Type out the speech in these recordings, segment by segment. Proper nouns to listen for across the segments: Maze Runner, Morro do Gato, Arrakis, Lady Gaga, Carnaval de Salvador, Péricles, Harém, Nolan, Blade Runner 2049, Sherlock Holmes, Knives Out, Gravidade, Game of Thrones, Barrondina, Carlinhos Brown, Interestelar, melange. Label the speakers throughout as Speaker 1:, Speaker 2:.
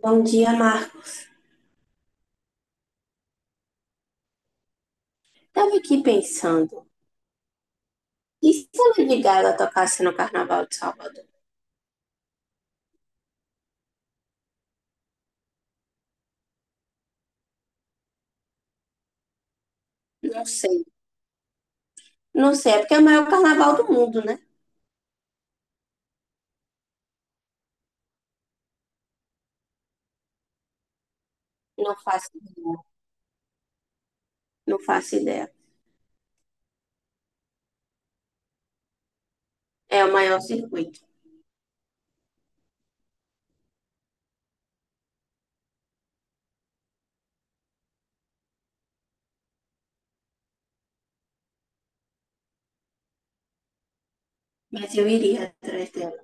Speaker 1: Bom dia, Marco. Estava aqui pensando, e se a Lady Gaga tocasse no Carnaval de Salvador? Não sei. Não sei, é porque é o maior carnaval do mundo, né? Não faço ideia. Não faço ideia. É o maior circuito. Mas eu iria atrás dela.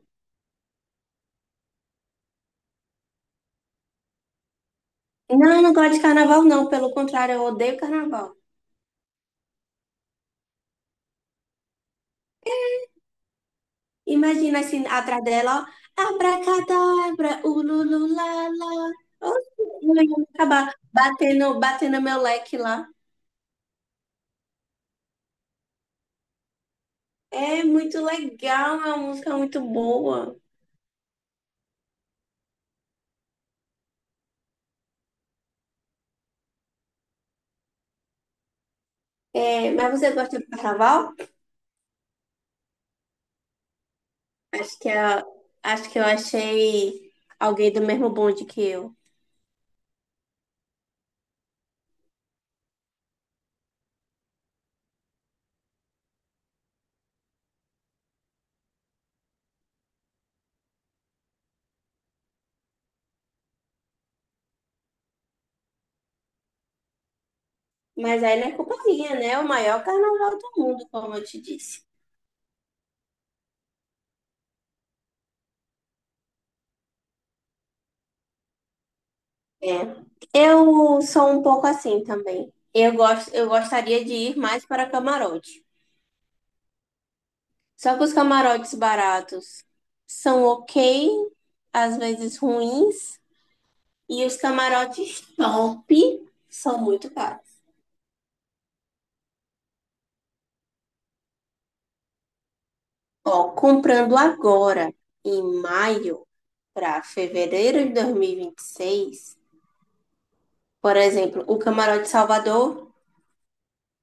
Speaker 1: Não, eu não gosto de carnaval, não. Pelo contrário, eu odeio carnaval. Imagina assim, atrás dela, ó. Abracadabra, ulululala. Oxe, eu ia acabar batendo, batendo meu leque lá. É muito legal, é uma música muito boa. É, mas você gosta do carnaval? Acho que, a- acho que eu achei alguém do mesmo bonde que eu. Mas aí não é culpa minha, né? É o maior carnaval do mundo, como eu te disse. É. Eu sou um pouco assim também. Eu gosto, eu gostaria de ir mais para camarote. Só que os camarotes baratos são ok, às vezes ruins, e os camarotes top são muito caros. Ó, comprando agora, em maio para fevereiro de dois mil e vinte e seis, por exemplo, o Camarote Salvador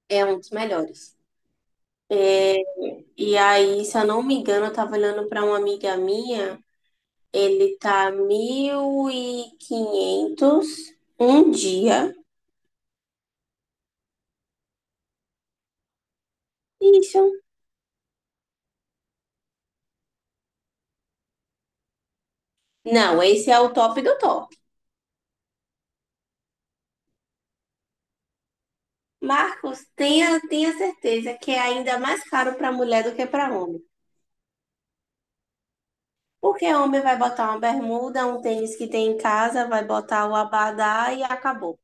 Speaker 1: é um dos melhores. E aí, se eu não me engano, eu tava olhando para uma amiga minha, ele tá 1500 um dia. Isso. Não, esse é o top do top. Marcos, tenha certeza que é ainda mais caro para mulher do que para homem. Porque homem vai botar uma bermuda, um tênis que tem em casa, vai botar o abadá e acabou.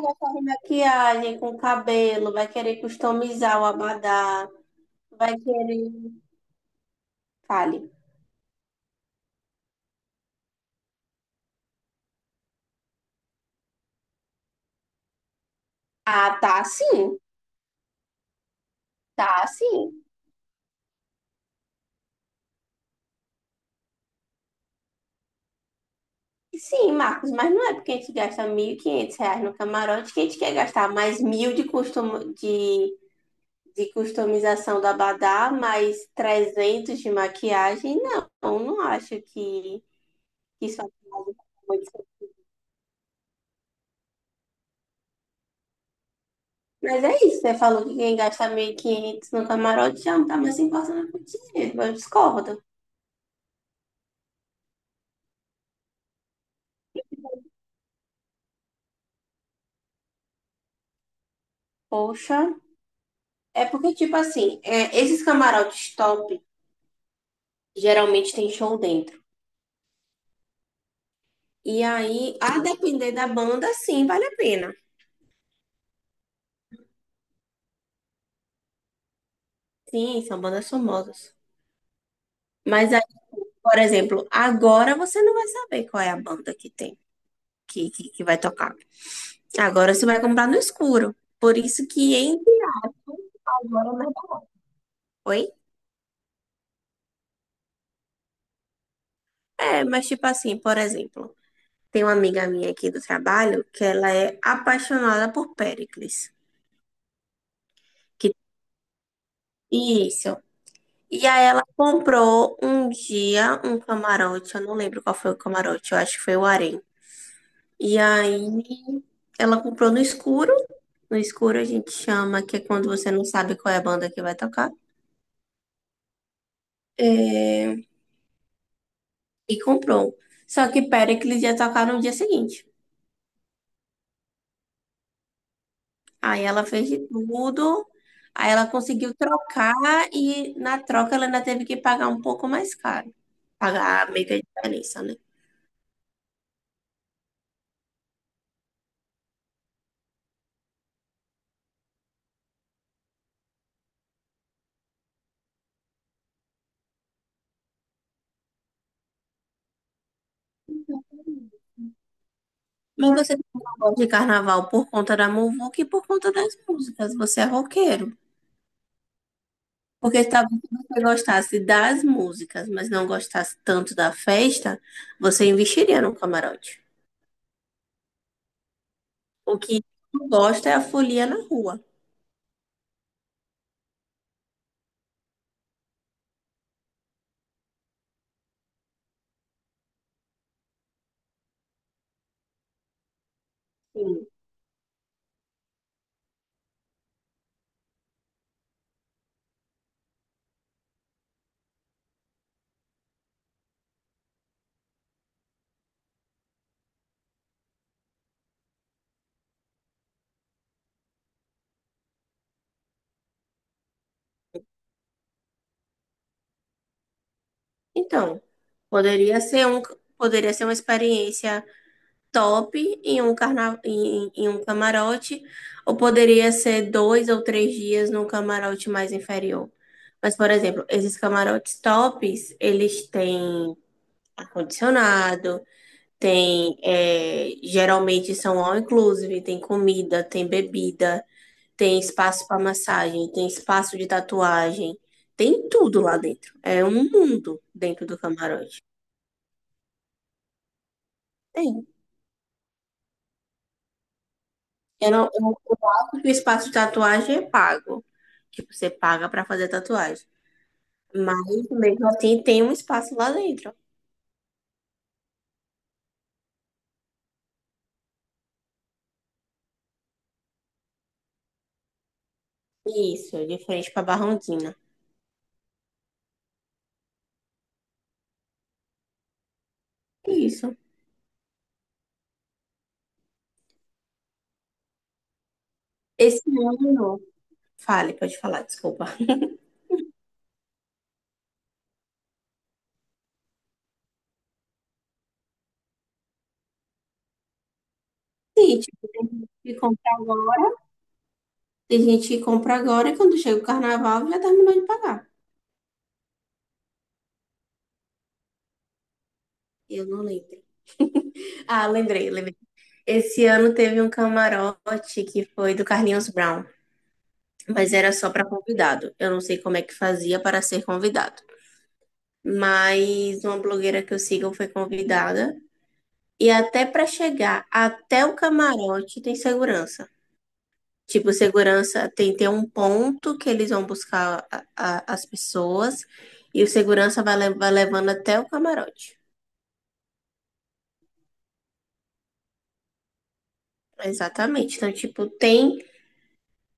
Speaker 1: Com maquiagem, com cabelo, vai querer customizar o abadá, vai querer. Fale. Ah, tá sim, tá sim. Sim, Marcos, mas não é porque a gente gasta 1500 reais no camarote que a gente quer gastar mais 1000 de custom... de customização do abadá, mais 300 de maquilhagem. Não, eu não acho que isso é muito. Mas é isso, você falou que quem gasta 1500 no camarote já não tá mais se importando com o dinheiro. Eu discordo. Poxa. É porque, tipo assim, é, esses camarotes top geralmente tem show dentro. E aí, a depender da banda, sim, vale a pena. Sim, são bandas famosas. Mas aí, por exemplo, agora você não vai saber qual é a banda que tem, que vai tocar. Agora você vai comprar no escuro. Por isso que em... Agora, né? Oi? É, mas tipo assim, por exemplo, tem uma amiga minha aqui do trabalho que ela é apaixonada por Péricles. Que... isso. E aí ela comprou um dia um camarote, eu não lembro qual foi o camarote, eu acho que foi o Harém. E aí ela comprou no escuro. No escuro a gente chama, que é quando você não sabe qual é a banda que vai tocar. É, e comprou. Só que Péricles ia tocar no dia seguinte. Aí ela fez de tudo. Aí ela conseguiu trocar e na troca ela ainda teve que pagar um pouco mais caro. Pagar meio que a diferença, né? Mas você não gosta de carnaval por conta da muvuca e por conta das músicas. Você é roqueiro. Porque talvez se você gostasse das músicas, mas não gostasse tanto da festa, você investiria no camarote. O que não gosta é a folia na rua. Sim. Então, poderia ser um, poderia ser uma experiência top em um carna... em, em um camarote, ou poderia ser dois ou três dias num camarote mais inferior. Mas, por exemplo, esses camarotes tops, eles têm ar-condicionado, tem, é, geralmente são all inclusive, tem comida, tem bebida, tem espaço para massagem, tem espaço de tatuagem, tem tudo lá dentro. É um mundo dentro do camarote. Tem. Eu não, O espaço de tatuagem é pago. Tipo, você paga pra fazer tatuagem. Mas mesmo assim tem um espaço lá dentro. Isso, de frente pra Barrondina. Isso. Esse ano. Fale, pode falar, desculpa. Sim, tipo, tem gente que compra agora. Tem gente que compra agora e quando chega o carnaval já terminou de pagar. Eu não lembro. Ah, lembrei, lembrei. Esse ano teve um camarote que foi do Carlinhos Brown, mas era só pra convidado. Eu não sei como é que fazia para ser convidado. Mas uma blogueira que eu sigo foi convidada. E até para chegar até o camarote tem segurança. Tipo, segurança tem, tem um ponto que eles vão buscar as pessoas e o segurança vai, vai levando até o camarote. Exatamente. Então, tipo, tem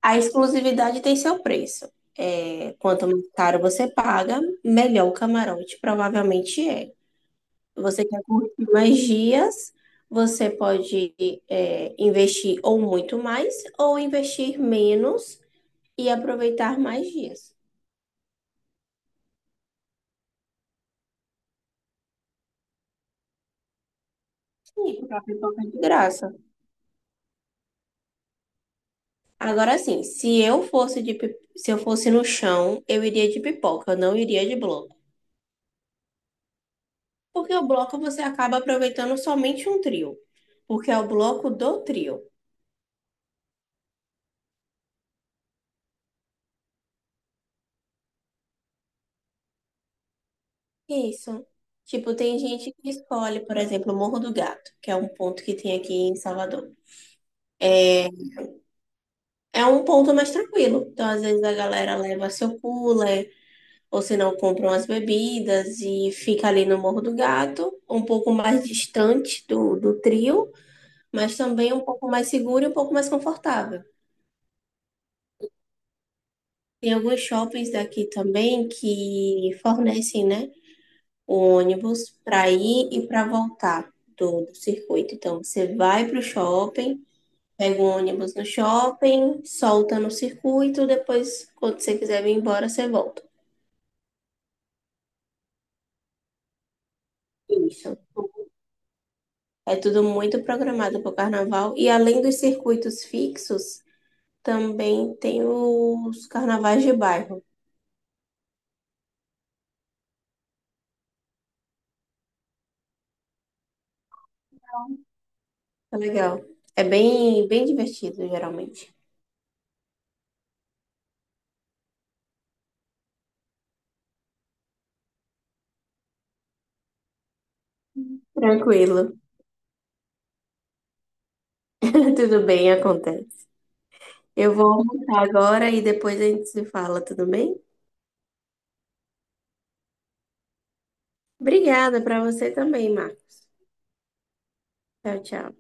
Speaker 1: a exclusividade, tem seu preço. É, quanto mais caro você paga, melhor o camarote provavelmente é. Você quer curtir mais dias, você pode, é, investir ou muito mais, ou investir menos e aproveitar mais dias. Sim, porque a pipoca é de graça. Agora sim, se eu fosse de, se eu fosse no chão, eu iria de pipoca, eu não iria de bloco. Porque o bloco você acaba aproveitando somente um trio, porque é o bloco do trio. Isso. Tipo, tem gente que escolhe, por exemplo, o Morro do Gato, que é um ponto que tem aqui em Salvador. É, é um ponto mais tranquilo. Então, às vezes a galera leva seu cooler, ou se não, compra umas bebidas e fica ali no Morro do Gato, um pouco mais distante do, do trio, mas também um pouco mais seguro e um pouco mais confortável. Tem alguns shoppings daqui também que fornecem, né, o ônibus para ir e para voltar do, do circuito. Então, você vai para o shopping. Pega um ônibus no shopping, solta no circuito, depois, quando você quiser vir embora, você volta. Isso. É tudo muito programado para o carnaval. E além dos circuitos fixos, também tem os carnavais de bairro. É legal. É bem, bem divertido, geralmente. Tranquilo. Tudo bem, acontece. Eu vou almoçar agora e depois a gente se fala, tudo bem? Obrigada para você também, Marcos. Tchau, tchau.